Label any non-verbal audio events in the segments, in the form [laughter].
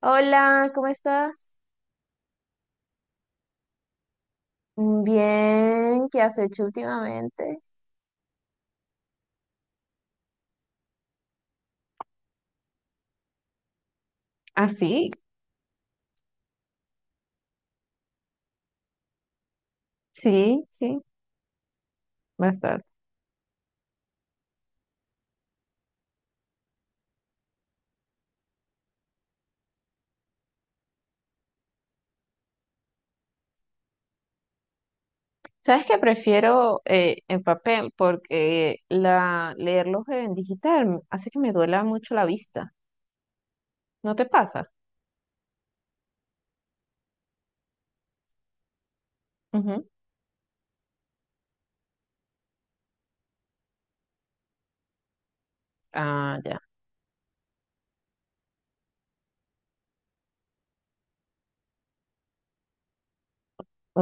Hola, ¿cómo estás? Bien, ¿qué has hecho últimamente? Ah, sí, sí, sí, bastante. ¿Sabes qué? Prefiero en papel porque leerlos en digital hace que me duela mucho la vista. ¿No te pasa? Ujú. Ah, ya.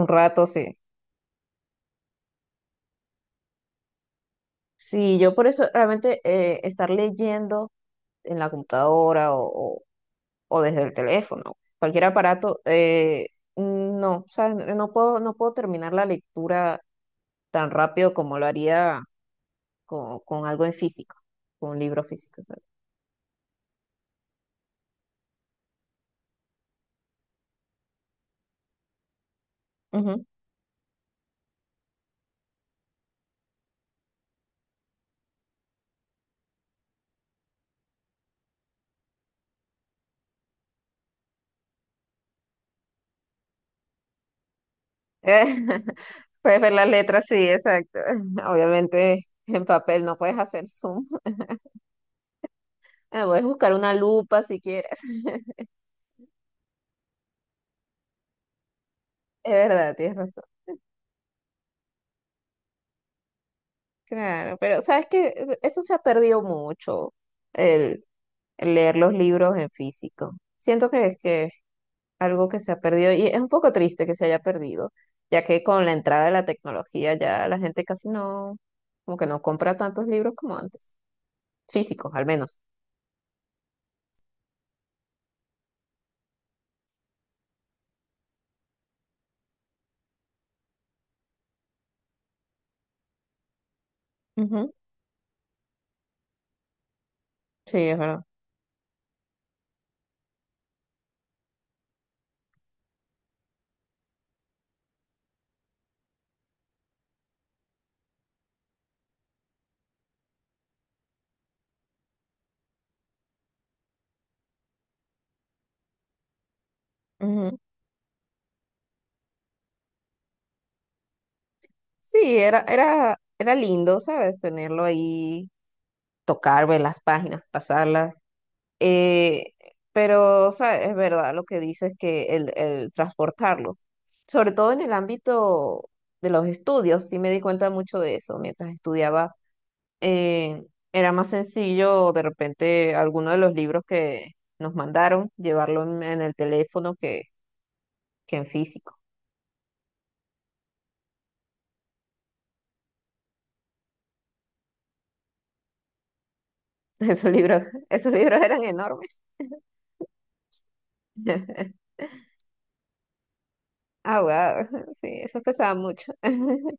Un rato, sí. Sí, yo por eso realmente estar leyendo en la computadora o- o desde el teléfono, cualquier aparato, no, o sea, no puedo terminar la lectura tan rápido como lo haría con algo en físico, con un libro físico. ¿Sabes? Ujú. [laughs] Puedes ver las letras, sí, exacto. [laughs] Obviamente en papel no puedes hacer zoom. [laughs] Ah, puedes buscar una lupa si quieres. Es verdad, tienes razón. Claro, pero sabes que eso se ha perdido mucho, el, el leer los libros en físico. Siento que es que algo que se ha perdido y es un poco triste que se haya perdido, ya que con la entrada de la tecnología ya la gente casi no, como que no compra tantos libros como antes, físicos al menos. Ujú. Sí, es verdad. Ujú. Sí, era lindo, ¿sabes? Tenerlo ahí, tocar, ver las páginas, pasarlas. Eh, pero, ¿sabes? Es verdad lo que dices que el transportarlo, sobre todo en el ámbito de los estudios, sí me di cuenta mucho de eso mientras estudiaba, eh, era más sencillo de repente alguno de los libros que nos mandaron llevarlo en el teléfono que en físico. [laughs] Esos libros, esos libros eran enormes. [laughs] Ah, wow, [laughs] sí, eso pesaba mucho. [laughs]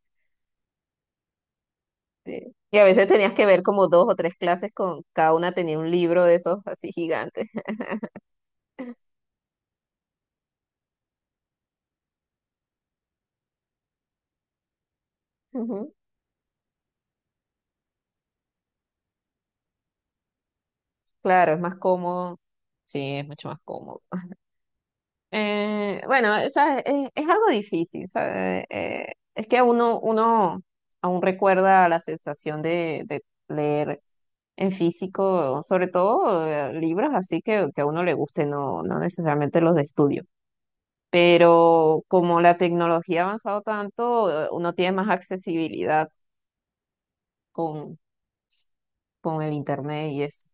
Sí. Y a veces tenías que ver como dos o tres clases con cada una tenía un libro de esos así gigantes. Ujú. Claro, es más cómodo. Sí, es mucho más cómodo. Bueno, o sea, es algo difícil, ¿sabe? Es que uno aún recuerda la sensación de leer en físico, sobre todo libros así que a uno le guste, no necesariamente los de estudio. Pero como la tecnología ha avanzado tanto, uno tiene más accesibilidad con, con el internet y eso.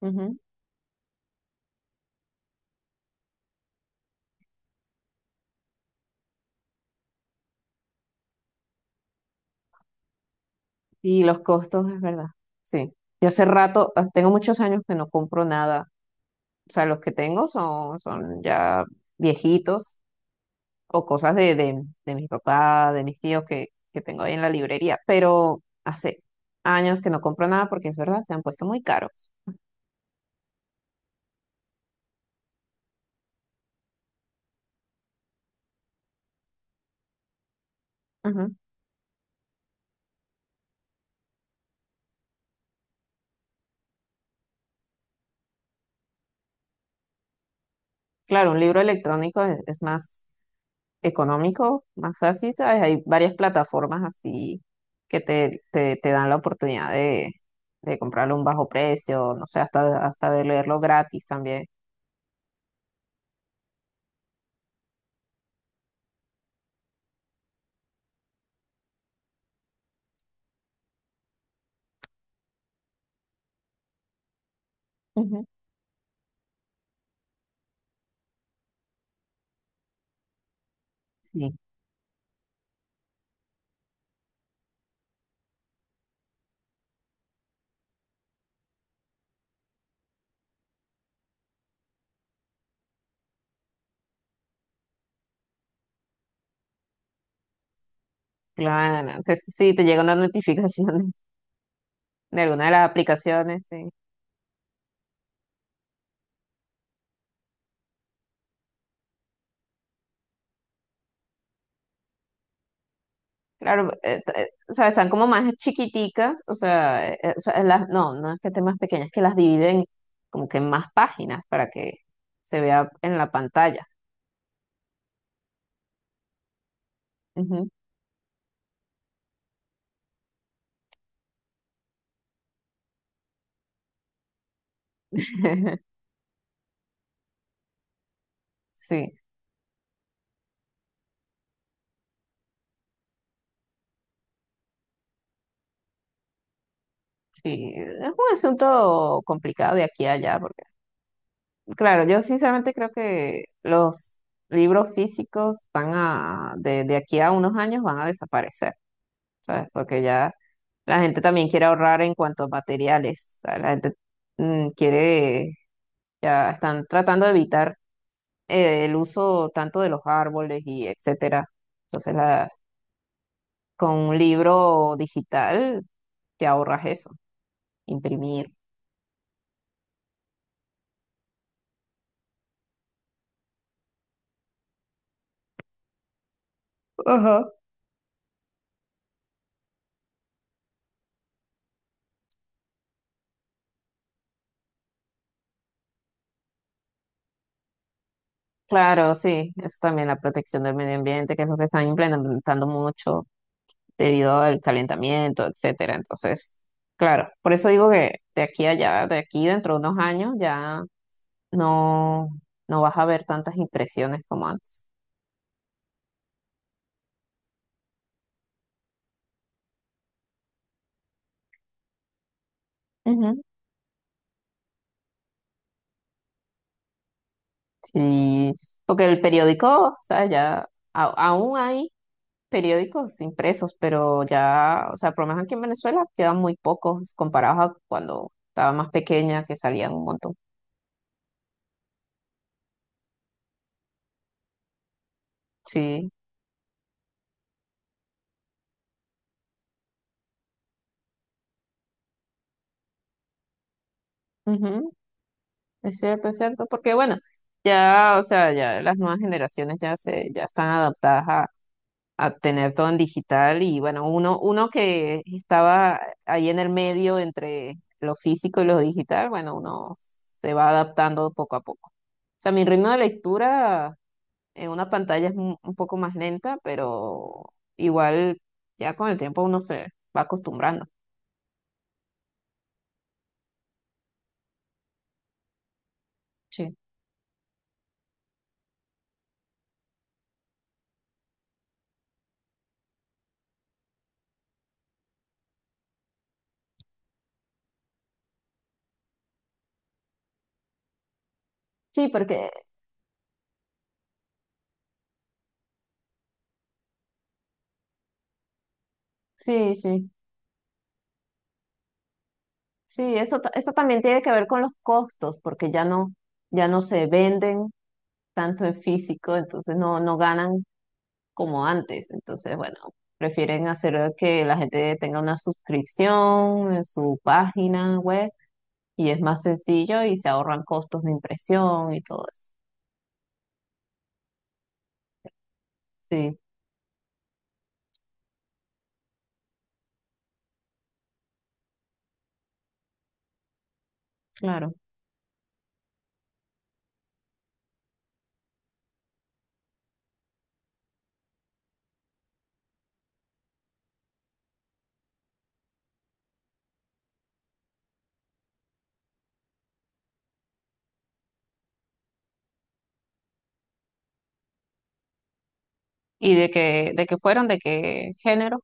Ujú. Y los costos, es verdad. Sí. Yo hace rato, tengo muchos años que no compro nada. O sea, los que tengo son ya viejitos o cosas de mis papás, de mis tíos que tengo ahí en la librería. Pero hace años que no compro nada porque es verdad, se han puesto muy caros. Ujú. Claro, un libro electrónico es más económico, más fácil, ¿sabes? Hay varias plataformas así que te dan la oportunidad de comprarlo a un bajo precio, no sé, hasta de leerlo gratis también. Ujú. Sí, claro. Sí, te llega una notificación de alguna de las aplicaciones, sí. Claro, o sea, están como más chiquiticas, o sea, las, no, no es que estén más pequeñas, es que las dividen como que en más páginas para que se vea en la pantalla. Ujú. [laughs] Sí, sí, es un asunto complicado de aquí a allá, porque, claro, yo sinceramente creo que los libros físicos van a, de aquí a unos años van a desaparecer. ¿Sabes? Porque ya la gente también quiere ahorrar en cuanto a materiales, ¿sabes? La gente quiere, ya están tratando de evitar el uso tanto de los árboles y etcétera. Entonces, la, con un libro digital te ahorras eso, imprimir. Ajá. Claro, sí, eso también la protección del medio ambiente, que es lo que están implementando mucho debido al calentamiento, etcétera. Entonces, claro, por eso digo que de aquí a allá, de aquí dentro de unos años, ya no, no vas a ver tantas impresiones como antes. Ujú. Sí, porque el periódico, o sea, ya aún hay periódicos impresos, pero ya, o sea, por lo menos aquí en Venezuela quedan muy pocos comparados a cuando estaba más pequeña, que salían un montón. Sí, ujú. Es cierto, porque bueno, ya, o sea, ya las nuevas generaciones ya se, ya están adaptadas a tener todo en digital y bueno, uno que estaba ahí en el medio entre lo físico y lo digital, bueno, uno se va adaptando poco a poco. O sea, mi ritmo de lectura en una pantalla es un poco más lenta, pero igual ya con el tiempo uno se va acostumbrando. Sí. Sí, porque sí, sí. Sí, eso, eso también tiene que ver con los costos, porque ya no, ya no se venden tanto en físico, entonces no, no ganan como antes. Entonces, bueno, prefieren hacer que la gente tenga una suscripción en su página web y es más sencillo y se ahorran costos de impresión y todo eso. Sí, claro. ¿Y de qué fueron? ¿De qué género?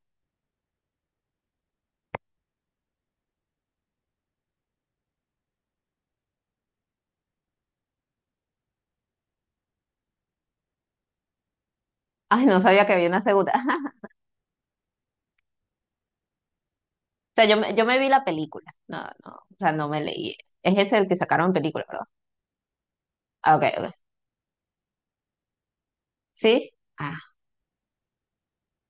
[laughs] Ay, no sabía que había una segunda. [laughs] O sea, yo me vi la película. No, no, o sea, no me leí. Es ese el que sacaron en película, ¿verdad? Ah, ok, ok. ¿Sí? Ah,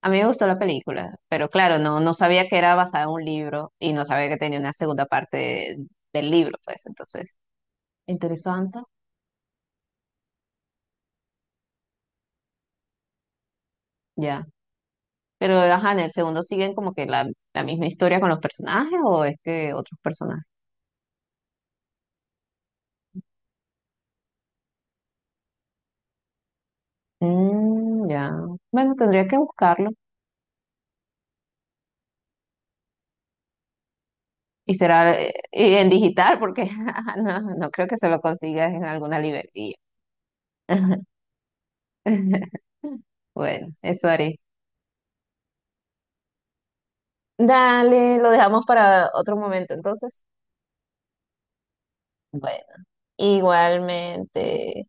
a mí me gustó la película, pero claro, no, no sabía que era basada en un libro y no sabía que tenía una segunda parte del libro, pues entonces. Interesante. Ya. Pero, ajá, en el segundo siguen como que la misma historia con los personajes o es que otros personajes. Mm, ya. Bueno, tendría que buscarlo. Y será y en digital porque [laughs] ajá, no, no creo que se lo consigas en alguna librería. [laughs] Bueno, eso haré. Dale, lo dejamos para otro momento entonces. Bueno. Igualmente.